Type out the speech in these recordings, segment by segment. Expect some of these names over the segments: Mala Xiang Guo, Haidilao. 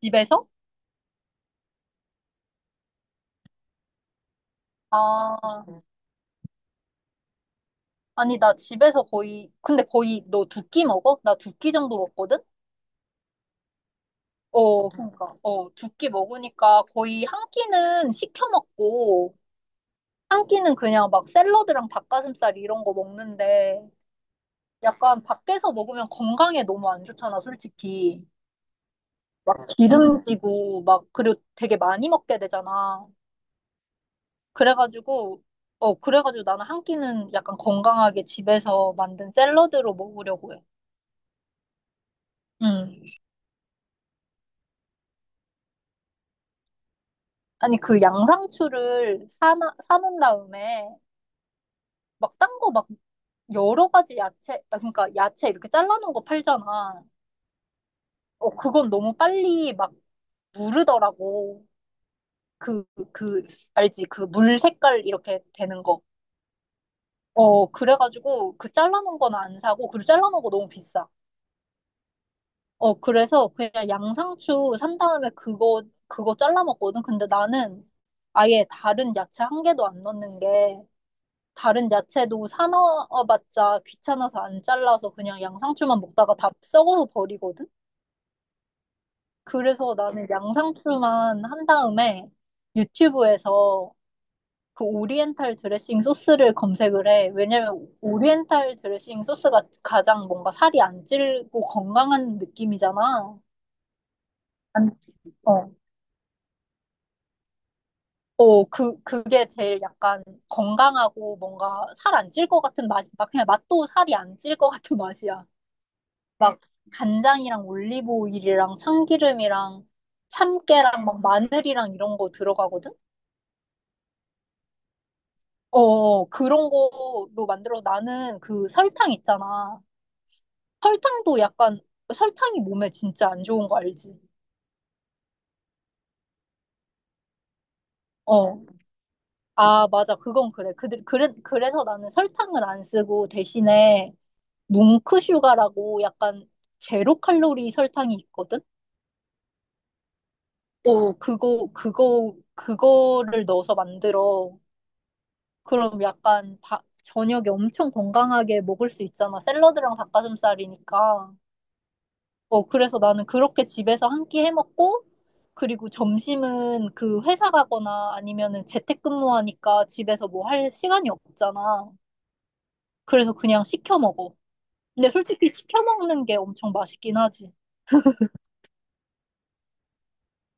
집에서? 아, 아니, 나 집에서 거의, 근데 거의 너 두끼 먹어? 나 두끼 정도 먹거든? 그러니까, 두 끼 먹으니까 거의 한 끼는 시켜 먹고, 한 끼는 그냥 막 샐러드랑 닭가슴살 이런 거 먹는데, 약간 밖에서 먹으면 건강에 너무 안 좋잖아, 솔직히. 막 기름지고, 막, 그리고 되게 많이 먹게 되잖아. 그래가지고, 그래가지고 나는 한 끼는 약간 건강하게 집에서 만든 샐러드로 먹으려고 해. 응. 아니, 그 양상추를 사놓은 다음에, 막, 딴 거 막, 여러 가지 야채, 그러니까 야채 이렇게 잘라놓은 거 팔잖아. 그건 너무 빨리 막, 무르더라고. 그, 그, 알지? 그 물 색깔 이렇게 되는 거. 그래가지고, 그 잘라놓은 건 안 사고, 그리고 잘라놓은 거 너무 비싸. 그래서 그냥 양상추 산 다음에 그거 잘라 먹거든. 근데 나는 아예 다른 야채 한 개도 안 넣는 게, 다른 야채도 사놔봤자 귀찮아서 안 잘라서 그냥 양상추만 먹다가 다 썩어서 버리거든? 그래서 나는 양상추만 한 다음에 유튜브에서 그 오리엔탈 드레싱 소스를 검색을 해. 왜냐면 오리엔탈 드레싱 소스가 가장 뭔가 살이 안 찔고 건강한 느낌이잖아. 안, 어. 그게 제일 약간 건강하고 뭔가 살 안 찔 것 같은 맛, 막 그냥 맛도 살이 안 찔 것 같은 맛이야. 막 간장이랑 올리브 오일이랑 참기름이랑 참깨랑 막 마늘이랑 이런 거 들어가거든? 어, 어, 어. 그런 거로 만들어. 나는 그 설탕 있잖아. 설탕도 약간, 설탕이 몸에 진짜 안 좋은 거 알지? 어. 맞아. 그건 그래. 그래서 나는 설탕을 안 쓰고 대신에 뭉크슈가라고 약간 제로 칼로리 설탕이 있거든? 그거를 넣어서 만들어. 그럼 약간 저녁에 엄청 건강하게 먹을 수 있잖아. 샐러드랑 닭가슴살이니까. 그래서 나는 그렇게 집에서 한 끼 해 먹고, 그리고 점심은 그 회사 가거나 아니면은 재택근무하니까 집에서 뭐 할 시간이 없잖아. 그래서 그냥 시켜 먹어. 근데 솔직히 시켜 먹는 게 엄청 맛있긴 하지.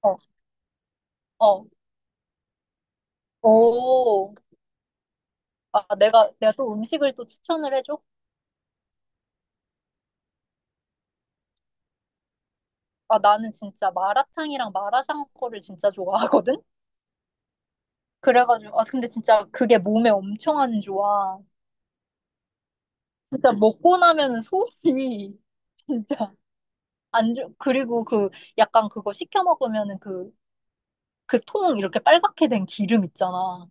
어, 어. 오. 내가 또 음식을 또 추천을 해줘? 나는 진짜 마라탕이랑 마라샹궈를 진짜 좋아하거든? 근데 진짜 그게 몸에 엄청 안 좋아. 진짜 먹고 나면은 속이 진짜 안 좋, 그리고 그 약간 그거 시켜 먹으면은 그 통 이렇게 빨갛게 된 기름 있잖아.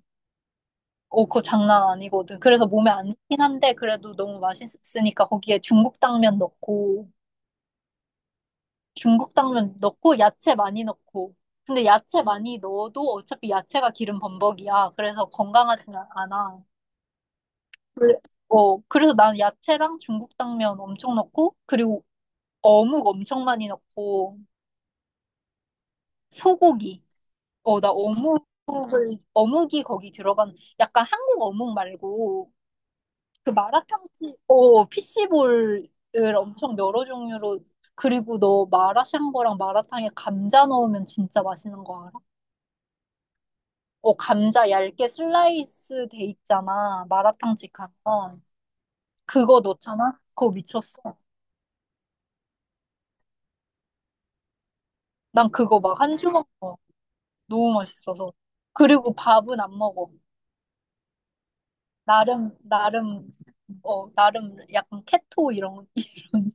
그거 장난 아니거든. 그래서 몸에 안 좋긴 한데, 그래도 너무 맛있으니까 거기에 중국 당면 넣고, 중국 당면 넣고, 야채 많이 넣고. 근데 야채 많이 넣어도 어차피 야채가 기름 범벅이야. 그래서 건강하진 않아. 그래- 그래서 난 야채랑 중국 당면 엄청 넣고, 그리고 어묵 엄청 많이 넣고, 소고기. 어묵이 거기 들어간, 약간 한국 어묵 말고, 그 마라탕집, 피시볼을 엄청 여러 종류로, 그리고 너 마라샹궈랑 마라탕에 감자 넣으면 진짜 맛있는 거 알아? 어, 감자 얇게 슬라이스 돼 있잖아. 마라탕집 가면. 그거 넣잖아? 그거 미쳤어. 난 그거 막 한 주먹 먹어. 너무 맛있어서. 그리고 밥은 안 먹어. 나름, 나름, 나름 약간 케토 이런, 이런.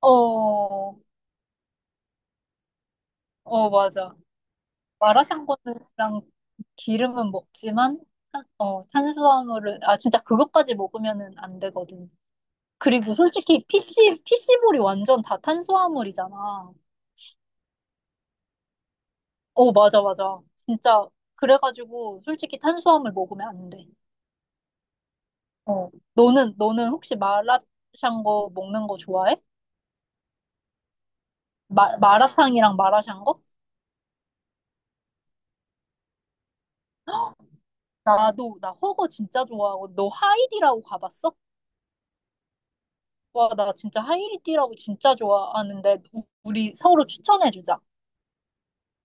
어, 어, 맞아. 마라샹궈랑 기름은 먹지만, 탄수화물을, 진짜 그것까지 먹으면은 안 되거든. 그리고 솔직히 PC볼이 완전 다 탄수화물이잖아. 어, 맞아, 맞아. 진짜, 그래가지고 솔직히 탄수화물 먹으면 안 돼. 어. 너는 혹시 마라샹궈 먹는 거 좋아해? 마라탕이랑 마라샹궈? 나도 나 허거 진짜 좋아하고 너 하이디라고 가봤어? 와 나 진짜 하이디라고 진짜 좋아하는데 우리 서로 추천해주자.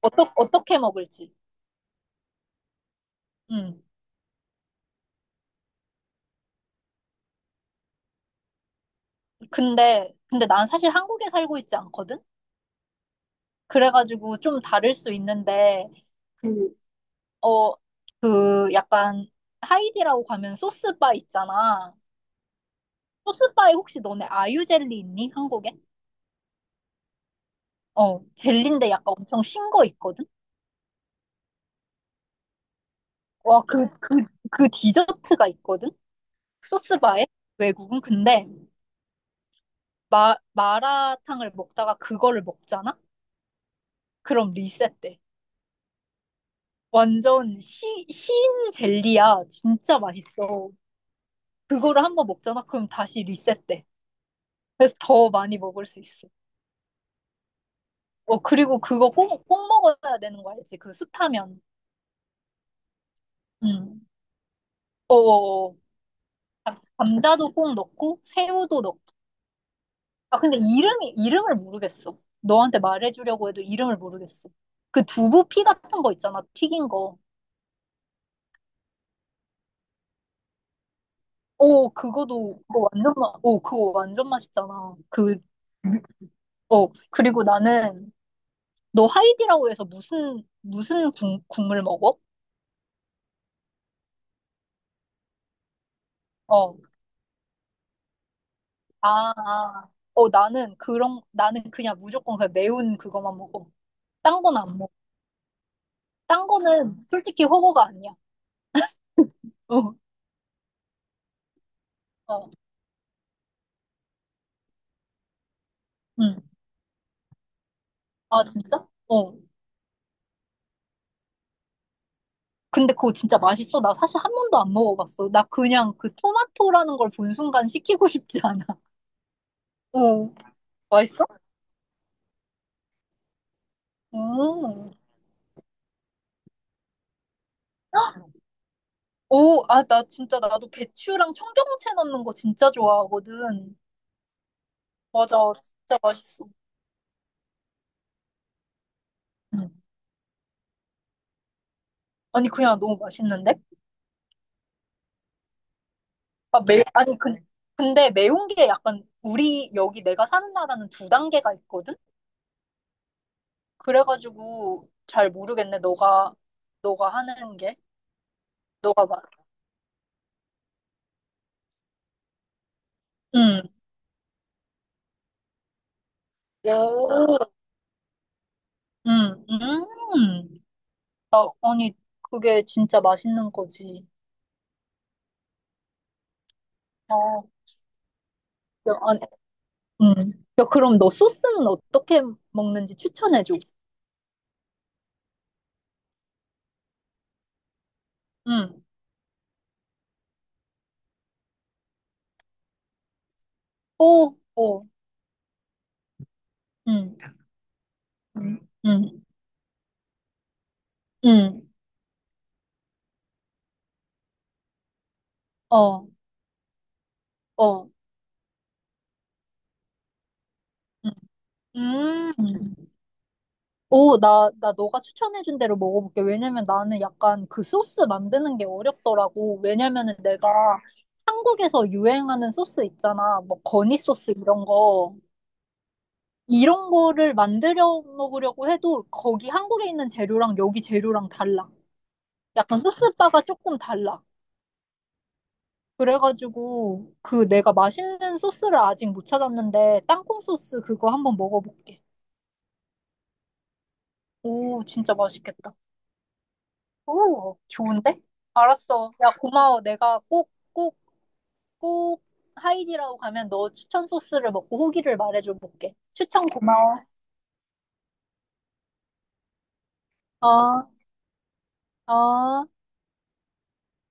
어떻게 먹을지. 음. 근데 난 사실 한국에 살고 있지 않거든? 그래가지고 좀 다를 수 있는데 그, 어, 약간 하이디라고 가면 소스바 있잖아. 소스바에 혹시 너네 아유젤리 있니? 한국에? 젤리인데 약간 엄청 신 거 있거든? 와, 그, 그, 그 디저트가 있거든? 소스바에? 외국은? 마라탕을 먹다가 그거를 먹잖아? 그럼 리셋돼. 완전 신 젤리야. 진짜 맛있어. 그거를 한 번 먹잖아? 그럼 다시 리셋돼. 그래서 더 많이 먹을 수 있어. 그리고 그거 꼭, 꼭 먹어야 되는 거 알지? 그 숯하면. 응. 어어어. 감자도 꼭 넣고, 새우도 넣고, 근데 이름을 모르겠어. 너한테 말해주려고 해도 이름을 모르겠어. 그 두부피 같은 거 있잖아, 튀긴 거. 오, 그거 완전 맛, 오, 그거 완전 맛있잖아. 그리고 나는, 너 하이디라고 해서 무슨 국물 먹어? 어, 아, 아. 나는 그냥 무조건 그냥 매운 그거만 먹어. 딴 건 안 먹어. 딴 거는 솔직히 허거가 아니야. 어, 어, 응. 아, 진짜? 어. 근데 그거 진짜 맛있어. 나 사실 한 번도 안 먹어봤어. 나 그냥 그 토마토라는 걸 본 순간 시키고 싶지 않아. 어, 맛있어? 오, 오, 아, 나 진짜 나도 배추랑 청경채 넣는 거 진짜 좋아하거든. 맞아, 진짜 맛있어. 음. 아니, 그냥 너무 맛있는데? 아니, 근데 매운 게 약간 우리 여기 내가 사는 나라는 두 단계가 있거든? 그래가지고 잘 모르겠네, 너가 하는 게. 너가 막, 음. 오, 음, 음. 아니, 그게 진짜 맛있는 거지. 어, 야, 아니, 음. 야, 그럼 너 소스는 어떻게 먹는지 추천해줘. 음. 오, 오, 음, 음, 음, 음. 어, 어, 음. 음. 오, 나 너가 추천해준 대로 먹어볼게. 왜냐면 나는 약간 그 소스 만드는 게 어렵더라고. 왜냐면은 내가 한국에서 유행하는 소스 있잖아. 뭐, 거니 소스 이런 거. 이런 거를 만들어 먹으려고 해도 거기 한국에 있는 재료랑 여기 재료랑 달라. 약간 소스바가 조금 달라. 그래가지고 그 내가 맛있는 소스를 아직 못 찾았는데 땅콩 소스 그거 한번 먹어볼게. 오, 진짜 맛있겠다. 오, 좋은데? 알았어. 야, 고마워. 내가 꼭, 꼭, 꼭 하이디라고 가면 너 추천 소스를 먹고 후기를 말해줘 볼게. 추천 고마워. 어, 어.